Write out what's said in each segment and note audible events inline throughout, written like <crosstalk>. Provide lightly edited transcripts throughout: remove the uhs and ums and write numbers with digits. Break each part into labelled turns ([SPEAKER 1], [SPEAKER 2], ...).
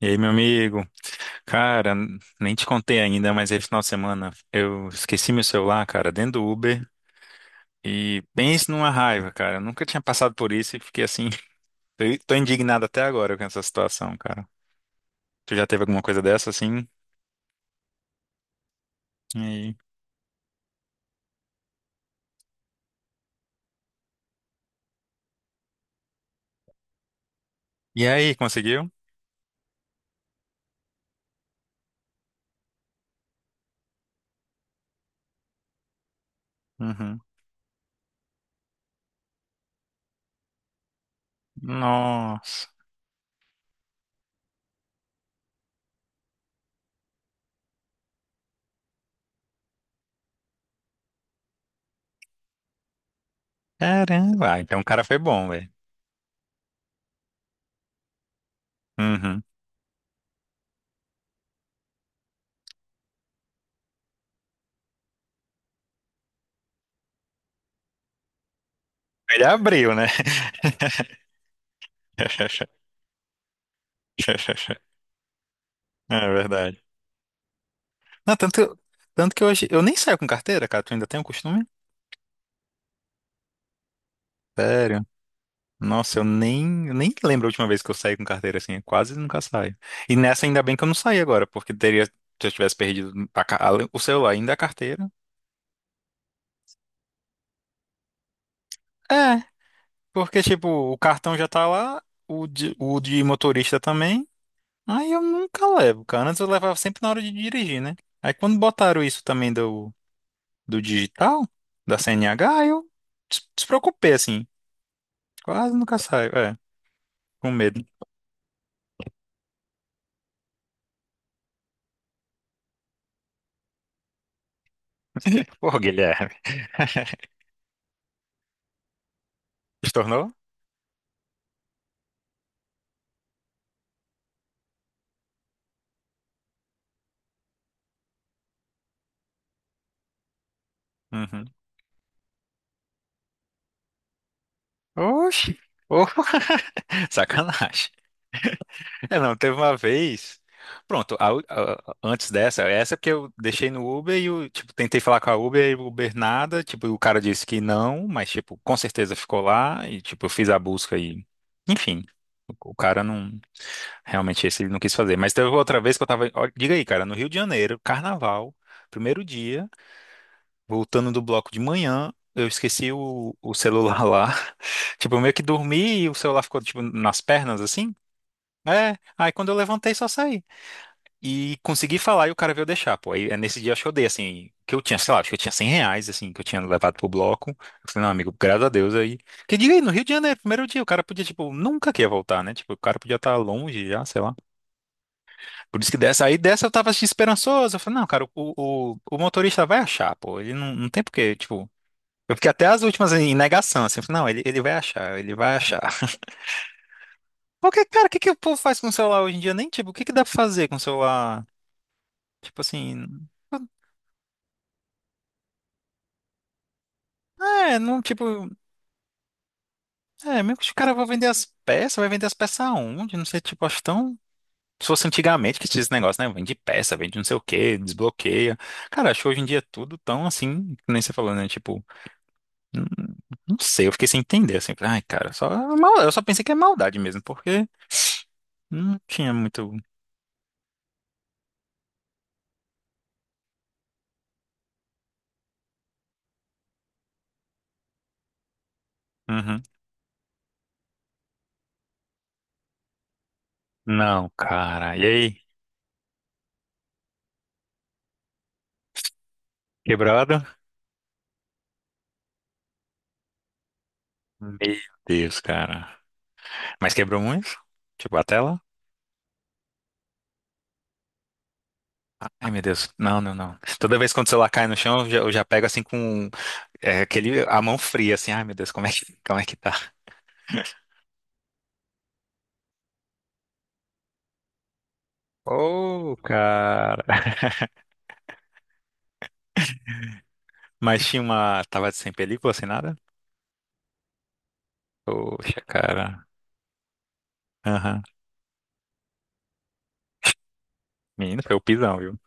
[SPEAKER 1] E aí, meu amigo? Cara, nem te contei ainda, mas esse final de semana eu esqueci meu celular, cara, dentro do Uber. E pense numa raiva, cara. Eu nunca tinha passado por isso e fiquei assim. <laughs> Tô indignado até agora com essa situação, cara. Tu já teve alguma coisa dessa assim? E aí, E aí, conseguiu? Uhum. Nossa. Caramba, ah, então o cara foi bom, velho. Uhum. Ele abriu, né? <laughs> É verdade. Não, tanto que hoje eu nem saio com carteira, cara. Tu ainda tem o costume? Sério? Nossa, eu nem lembro a última vez que eu saí com carteira assim. Eu quase nunca saio. E nessa, ainda bem que eu não saí agora, porque teria, se eu tivesse perdido o celular, ainda a carteira. É, porque, tipo, o cartão já tá lá, o de motorista também. Aí eu nunca levo, cara. Antes eu levava sempre na hora de dirigir, né? Aí quando botaram isso também do digital, da CNH, aí eu despreocupei, assim. Quase nunca saio, é, com medo. Porra, Guilherme. <laughs> Se tornou? Uhum. Oxi, Ô, <laughs> sacanagem. É, não, teve uma vez. Pronto, antes dessa, essa porque eu deixei no Uber e eu, tipo, tentei falar com a Uber e o Uber nada, tipo, e o cara disse que não, mas, tipo, com certeza ficou lá e, tipo, eu fiz a busca e, enfim, o cara não, realmente esse ele não quis fazer. Mas teve outra vez que eu tava, ó, diga aí, cara, no Rio de Janeiro, carnaval, primeiro dia. Voltando do bloco de manhã, eu esqueci o celular lá. <laughs> Tipo, eu meio que dormi e o celular ficou, tipo, nas pernas, assim. É, aí quando eu levantei, só saí. E consegui falar e o cara veio deixar, pô. Aí é nesse dia acho que eu dei, assim, que eu tinha, sei lá, acho que eu tinha R$ 100, assim, que eu tinha levado pro bloco. Eu falei, não, amigo, graças a Deus aí. Que diga aí, no Rio de Janeiro, primeiro dia, o cara podia, tipo, nunca que ia voltar, né? Tipo, o cara podia estar longe já, sei lá. Por isso que dessa, aí dessa eu tava assim, esperançoso. Eu falei, não, cara, o motorista vai achar, pô. Ele não tem porque, tipo. Eu fiquei até as últimas em negação, assim, eu falei, não, ele vai achar, ele vai achar. <laughs> Porque, cara, o que que o povo faz com o celular hoje em dia? Nem, tipo, o que que dá pra fazer com o celular? Tipo assim, é, não, tipo, é, mesmo que os cara vão vender as peças, vai vender as peças aonde? Não sei, tipo, acho tão. Se fosse antigamente que tinha esse negócio, né? Vende peça, vende não sei o quê, desbloqueia. Cara, acho que hoje em dia é tudo tão assim, que nem você falou, né? Tipo, não, não sei, eu fiquei sem entender, assim, falei, ai, cara, só, eu só pensei que é maldade mesmo, porque não tinha muito. Uhum. Não, cara. E aí? Quebrado? Meu Deus, cara. Mas quebrou muito? Tipo, a tela? Ai, meu Deus. Não, não, não. Toda vez quando o celular cai no chão, eu já pego assim com é, aquele, a mão fria, assim. Ai, meu Deus, como é que tá? Ô, cara. <laughs> Mas tinha uma. Tava sem película, sem nada? Poxa, cara. Aham. Menino, foi o pisão, viu?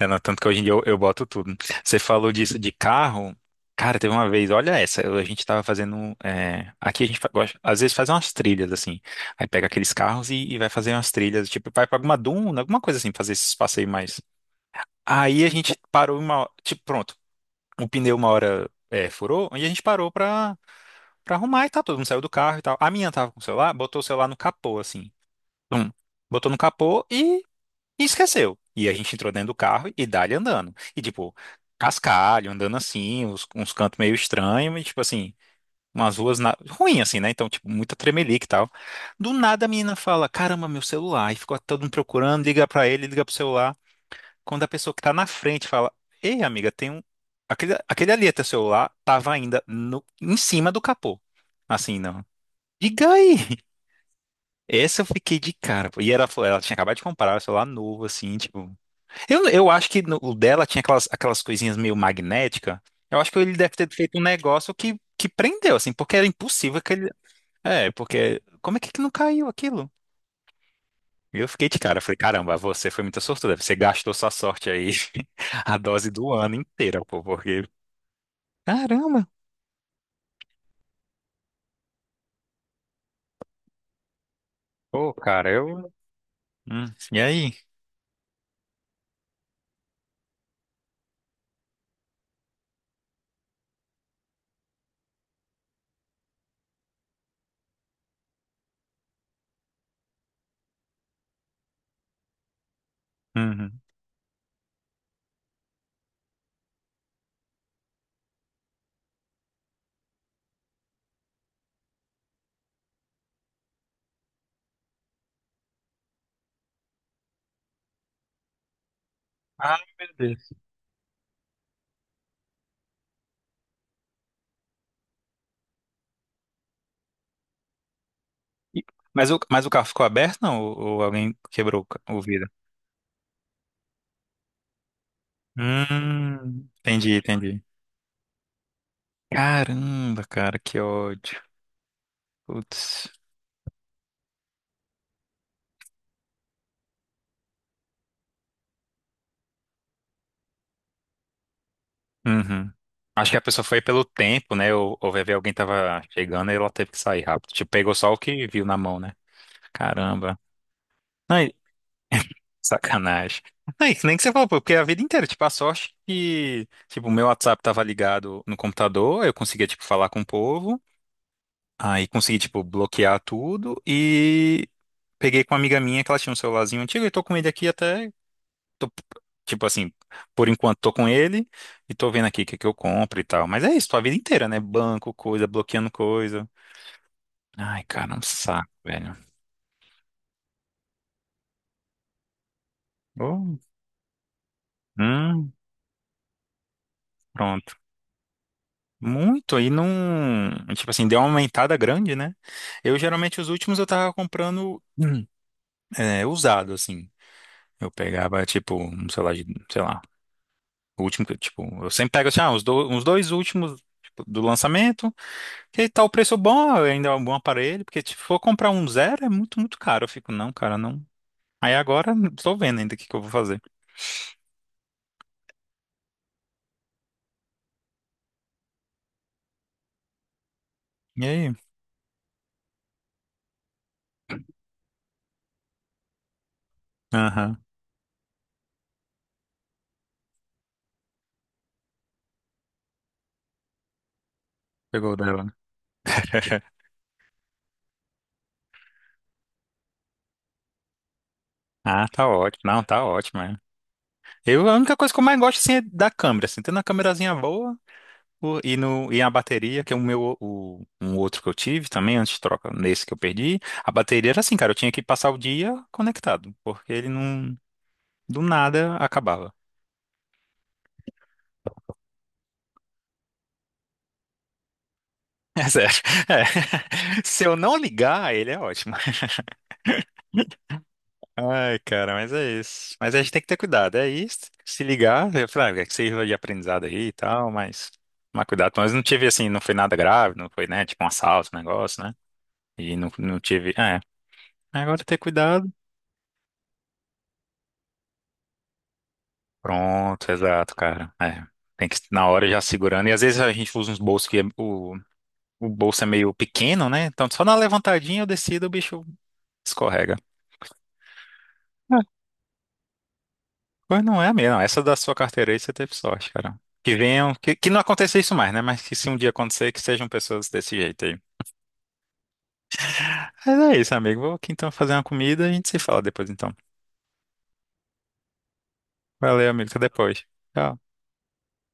[SPEAKER 1] É, não, tanto que hoje em dia eu boto tudo. Você falou disso de carro. Cara, teve uma vez, olha essa, a gente tava fazendo. É, aqui a gente às vezes faz umas trilhas assim. Aí pega aqueles carros e vai fazer umas trilhas, tipo, vai pra alguma duna, alguma coisa assim, fazer esses passeios mais. Aí a gente parou uma. Tipo, pronto, o pneu uma hora é, furou, e a gente parou pra arrumar e tal. Todo mundo saiu do carro e tal. A minha tava com o celular, botou o celular no capô, assim. Tum. Botou no capô e esqueceu. E a gente entrou dentro do carro e dali andando. E tipo, cascalho, andando assim, uns cantos meio estranhos, e tipo assim, umas ruas ruim assim, né? Então, tipo, muita tremelique e tal. Do nada a menina fala: Caramba, meu celular. E ficou todo mundo procurando, liga pra ele, liga pro celular. Quando a pessoa que tá na frente fala: Ei, amiga, tem um. Aquele ali é teu celular, tava ainda no... em cima do capô. Assim, não. Diga aí! <laughs> Essa eu fiquei de cara, pô. E ela tinha acabado de comprar o celular novo, assim, tipo. Eu acho que o dela tinha aquelas coisinhas meio magnética. Eu acho que ele deve ter feito um negócio que prendeu, assim, porque era impossível que ele. É, porque. Como é que não caiu aquilo? E eu fiquei de cara, falei, caramba, você foi muito sortuda, você gastou sua sorte aí, <laughs> a dose do ano inteira, pô, porque. Caramba! Pô, cara, eu. Hum, e aí? Uhum. Ai, meu Deus. E- mas o carro ficou aberto, não? Ou alguém quebrou o vidro? Entendi, entendi. Caramba, cara, que ódio. Putz. Uhum. Acho que a pessoa foi pelo tempo, né? Ou vai ver alguém tava chegando e ela teve que sair rápido. Tipo, pegou só o que viu na mão, né? Caramba. Ai, sacanagem. Ai, nem que você falou, pô, porque a vida inteira, tipo, a sorte que, tipo, o meu WhatsApp tava ligado no computador, eu conseguia, tipo, falar com o povo, aí consegui, tipo, bloquear tudo e peguei com uma amiga minha que ela tinha um celularzinho antigo e tô com ele aqui até tô, tipo assim, por enquanto tô com ele e tô vendo aqui o que que eu compro e tal. Mas é isso, tua vida inteira, né? Banco, coisa, bloqueando coisa. Ai, cara, é um saco, velho. Oh, hum, pronto. Muito, aí não. Tipo assim, deu uma aumentada grande, né? Eu geralmente os últimos eu tava comprando é, usado, assim. Eu pegava, tipo, um celular de, sei lá, o último que, eu, tipo, eu sempre pego assim, ah, uns dois últimos, tipo, do lançamento. Que tá o preço bom, ainda é um bom aparelho, porque tipo, se for comprar um zero é muito, muito caro. Eu fico, não, cara, não. Aí agora estou vendo ainda o que que eu vou fazer. E aí? Aham, pegou o dela. <laughs> Ah, tá ótimo. Não, tá ótimo, é. Eu, a única coisa que eu mais gosto, assim, é da câmera, assim, tendo uma câmerazinha boa o- e, no, e a bateria, que é o meu, um outro que eu tive também, antes de troca, nesse que eu perdi, a bateria era assim, cara, eu tinha que passar o dia conectado, porque ele não, do nada, acabava. <laughs> É sério. É. <laughs> Se eu não ligar, ele é ótimo. Ai, cara, mas é isso. Mas a gente tem que ter cuidado, é isso. Se ligar, eu falei, ah, é que sirva de aprendizado aí e tal, mas tomar cuidado. Mas não tive assim, não foi nada grave, não foi, né? Tipo um assalto, um negócio, né? E não tive. É. Agora ter cuidado. Pronto, exato, cara. É. Tem que na hora já segurando. E às vezes a gente usa uns bolsos que o bolso é meio pequeno, né? Então só na levantadinha eu decido, o bicho escorrega. Pois não é a minha, não. Essa da sua carteira aí você teve sorte, cara. Que venham, que não aconteça isso mais, né? Mas que se um dia acontecer, que sejam pessoas desse jeito aí. Mas é isso, amigo. Vou aqui então fazer uma comida e a gente se fala depois então. Valeu, amigo. Até depois. Tchau.